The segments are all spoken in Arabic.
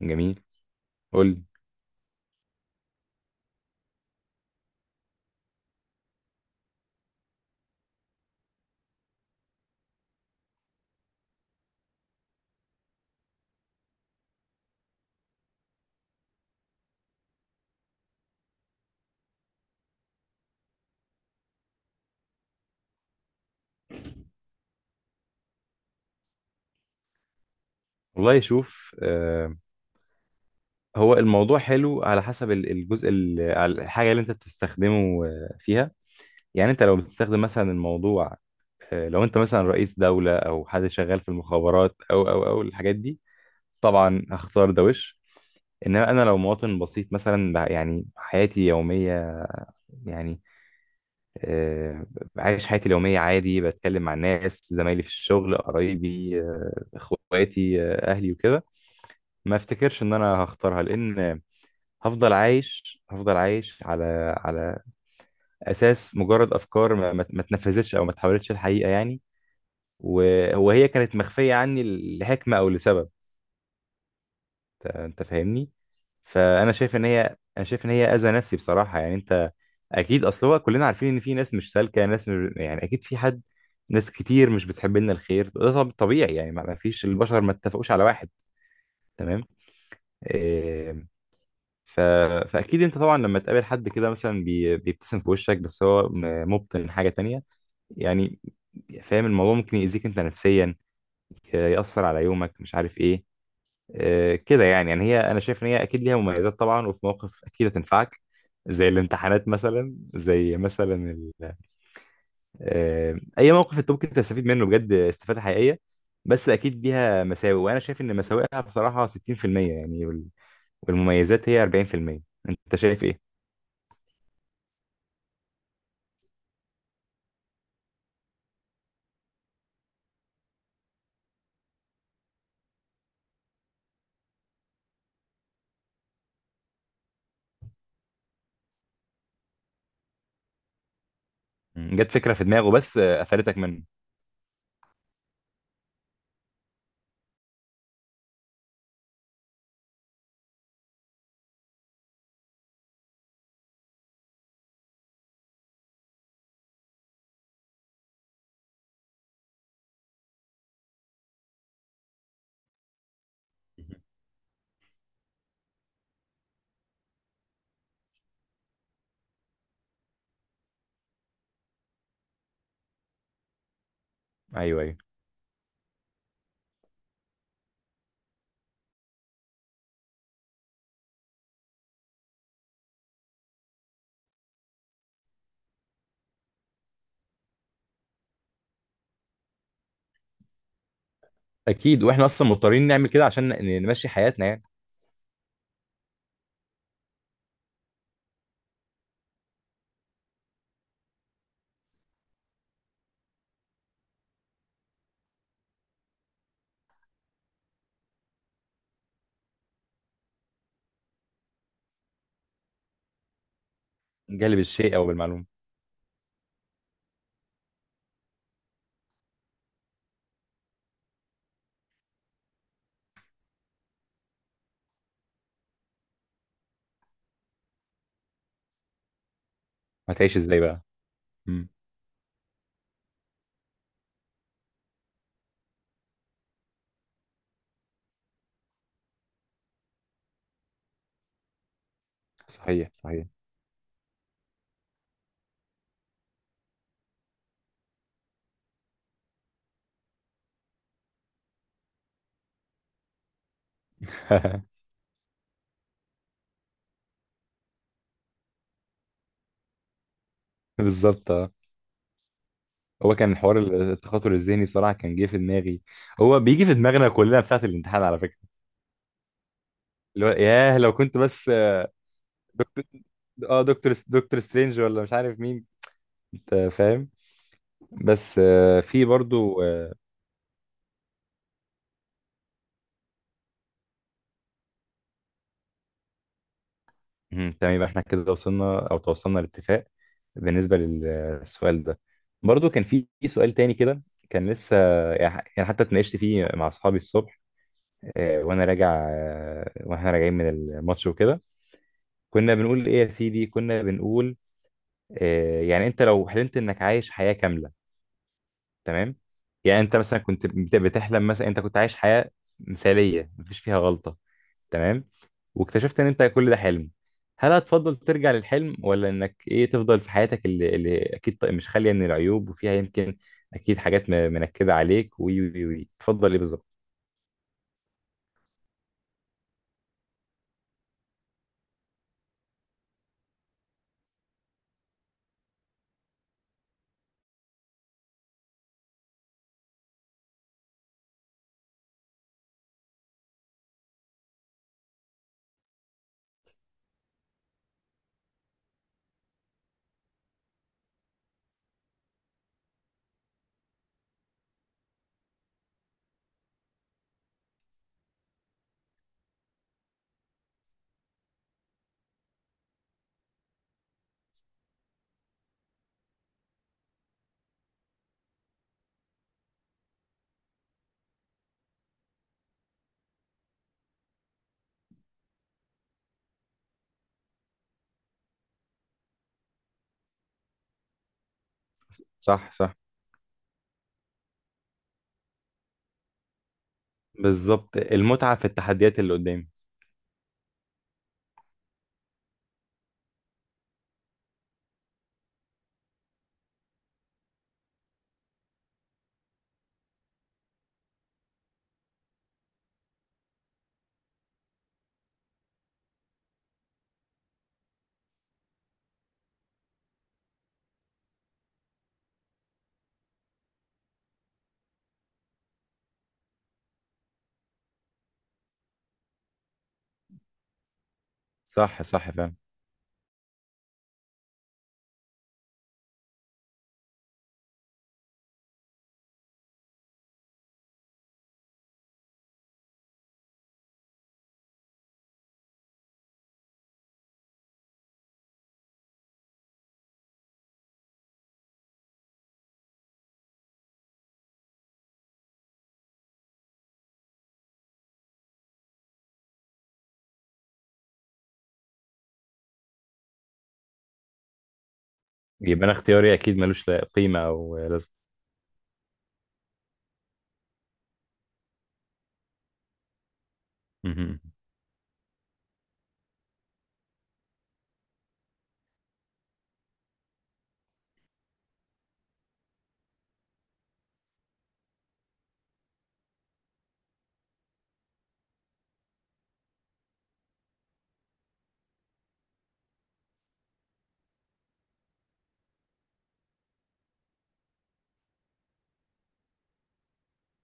جميل. قول لي. والله شوف، هو الموضوع حلو على حسب الجزء على الحاجة اللي انت بتستخدمه فيها. يعني انت لو بتستخدم مثلا الموضوع، لو انت مثلا رئيس دولة او حد شغال في المخابرات او الحاجات دي، طبعا هختار ده وش. انما انا لو مواطن بسيط مثلا، يعني حياتي يومية، يعني آه، عايش حياتي اليومية عادي، بتكلم مع الناس، زمايلي في الشغل، قرايبي، اخواتي، اهلي وكده. ما افتكرش ان انا هختارها، لان هفضل عايش على اساس مجرد افكار ما اتنفذتش او ما اتحولتش الحقيقه يعني، وهو هي كانت مخفيه عني لحكمه او لسبب. أنت فاهمني. فانا شايف ان هي اذى نفسي بصراحه يعني. انت اكيد، اصل هو كلنا عارفين ان في ناس مش سالكه، ناس مش، يعني اكيد في حد، ناس كتير مش بتحب لنا الخير. ده طبيعي يعني، ما فيش البشر ما اتفقوش على واحد. تمام. آه، ف... فاكيد انت طبعا لما تقابل حد كده مثلا بيبتسم في وشك بس هو مبطن حاجه تانية، يعني فاهم. الموضوع ممكن يأذيك انت نفسيا، يأثر على يومك، مش عارف ايه كده يعني هي، انا شايف ان هي اكيد ليها مميزات طبعا، وفي مواقف اكيد هتنفعك، زي الامتحانات مثلا، زي مثلا ال... آه، اي موقف انت ممكن تستفيد منه بجد استفاده حقيقيه. بس اكيد ليها مساوئ، وانا شايف ان مساوئها بصراحه 60% يعني، والمميزات هي 40%. انت شايف ايه؟ مم. جت فكره في دماغه بس قفلتك منه. ايوه ايوه، اكيد. واحنا اصلا مضطرين نعمل كده عشان نمشي حياتنا يعني. نجلب الشيء او بالمعلومه. هتعيش ازاي بقى؟ مم. صحيح صحيح. بالظبط اه. هو كان حوار التخاطر الذهني بصراحه، كان جه في دماغي. هو بيجي في دماغنا كلنا في ساعه الامتحان على فكره، اللي هو ياه لو كنت بس دكتور. دكتور سترينج ولا مش عارف مين. انت فاهم. بس في برضو. مهم. تمام، يبقى احنا كده وصلنا او توصلنا لاتفاق بالنسبه للسؤال ده. برضو كان في سؤال تاني كده كان لسه، يعني حتى اتناقشت فيه مع اصحابي الصبح آه، وانا راجع آه، واحنا راجعين من الماتش وكده. كنا بنقول ايه يا سيدي، كنا بنقول يعني انت لو حلمت انك عايش حياه كامله، تمام؟ يعني انت مثلا كنت بتحلم، مثلا انت كنت عايش حياة مثالية مفيش فيها غلطة، تمام؟ واكتشفت ان انت كل ده حلم. هل هتفضل ترجع للحلم، ولا انك ايه، تفضل في حياتك اللي اكيد مش خالية من العيوب وفيها يمكن اكيد حاجات منكدة عليك، وي وي وي، تفضل ايه بالظبط؟ صح صح. بالظبط، المتعة في التحديات اللي قدامي. صح صح، فاهم. يبقى انا اختياري اكيد ملوش لا قيمة او لازمة. مهم.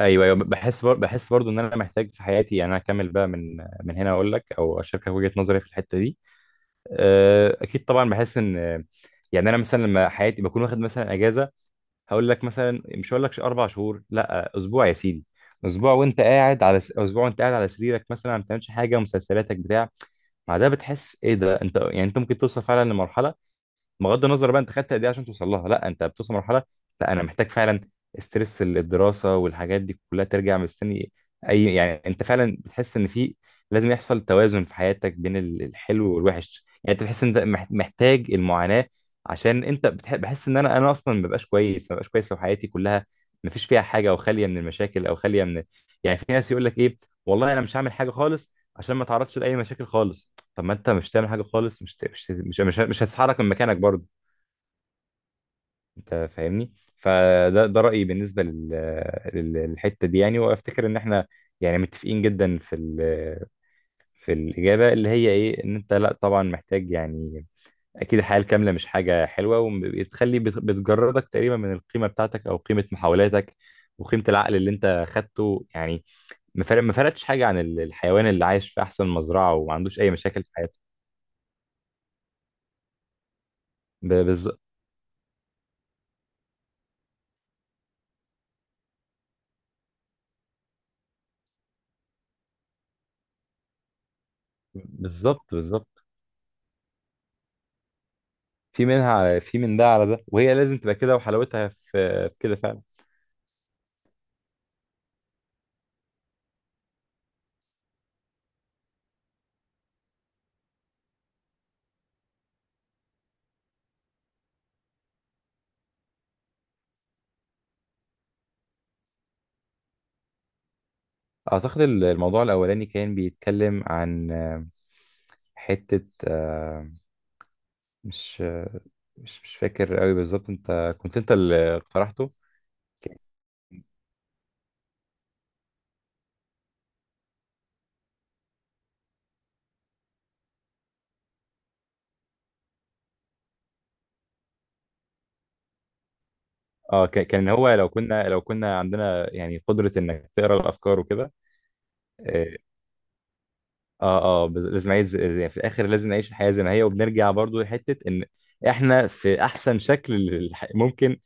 ايوه ايوه. بحس برضو ان انا محتاج في حياتي، يعني انا اكمل بقى من هنا اقول لك او اشاركك وجهه نظري في الحته دي. اكيد طبعا بحس ان، يعني انا مثلا لما حياتي بكون واخد مثلا اجازه، هقول لك مثلا، مش هقول لك اربع شهور، لا، اسبوع يا سيدي. اسبوع وانت قاعد على سريرك مثلا، ما بتعملش حاجه، مسلسلاتك بتاع، مع ده بتحس ايه ده. انت يعني انت ممكن توصل فعلا لمرحله، بغض النظر بقى انت خدت قد ايه عشان توصل لها، لا انت بتوصل مرحله، لا انا محتاج فعلا استرس الدراسه والحاجات دي كلها ترجع مستني. اي يعني انت فعلا بتحس ان في، لازم يحصل توازن في حياتك بين الحلو والوحش. يعني انت بتحس ان انت محتاج المعاناه، عشان انت بحس ان انا اصلا ما ببقاش كويس، ما ببقاش كويس لو حياتي كلها ما فيش فيها حاجه، او خاليه من المشاكل او خاليه من، يعني في ناس يقول لك ايه، والله انا مش هعمل حاجه خالص عشان ما اتعرضش لاي مشاكل خالص. طب ما انت مش تعمل حاجه خالص، مش ت- مش مش مش, مش هتتحرك من مكانك برضه. انت فاهمني. فده رايي بالنسبه للحته دي يعني. وافتكر ان احنا يعني متفقين جدا في الاجابه اللي هي ايه، ان انت لا طبعا محتاج يعني اكيد الحياه الكامله مش حاجه حلوه، وبتخلي بتجردك تقريبا من القيمه بتاعتك او قيمه محاولاتك وقيمه العقل اللي انت خدته يعني. ما فرقتش حاجه عن الحيوان اللي عايش في احسن مزرعه وما عندوش اي مشاكل في حياته. ب- بالظ- بالظبط بالظبط. في منها على، في من ده على ده، وهي لازم تبقى كده، وحلاوتها في، في كده فعلا. اعتقد الموضوع الاولاني كان بيتكلم عن حتة مش آه، مش فاكر قوي بالظبط، انت كنت انت اللي اقترحته. اه كان هو لو كنا لو كنا عندنا يعني قدرة انك تقرا الافكار وكده. آه، اه اه لازم نعيش يعني في الاخر لازم نعيش الحياه زي ما هي. وبنرجع برضو لحته ان احنا في احسن شكل ممكن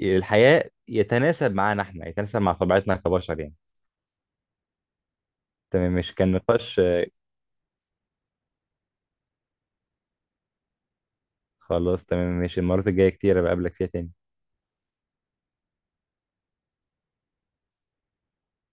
الحياه يتناسب معانا، احنا يتناسب مع طبيعتنا كبشر يعني. تمام، مش كان نقاش. خلاص تمام ماشي، المرات الجايه كتير بقابلك فيها تاني.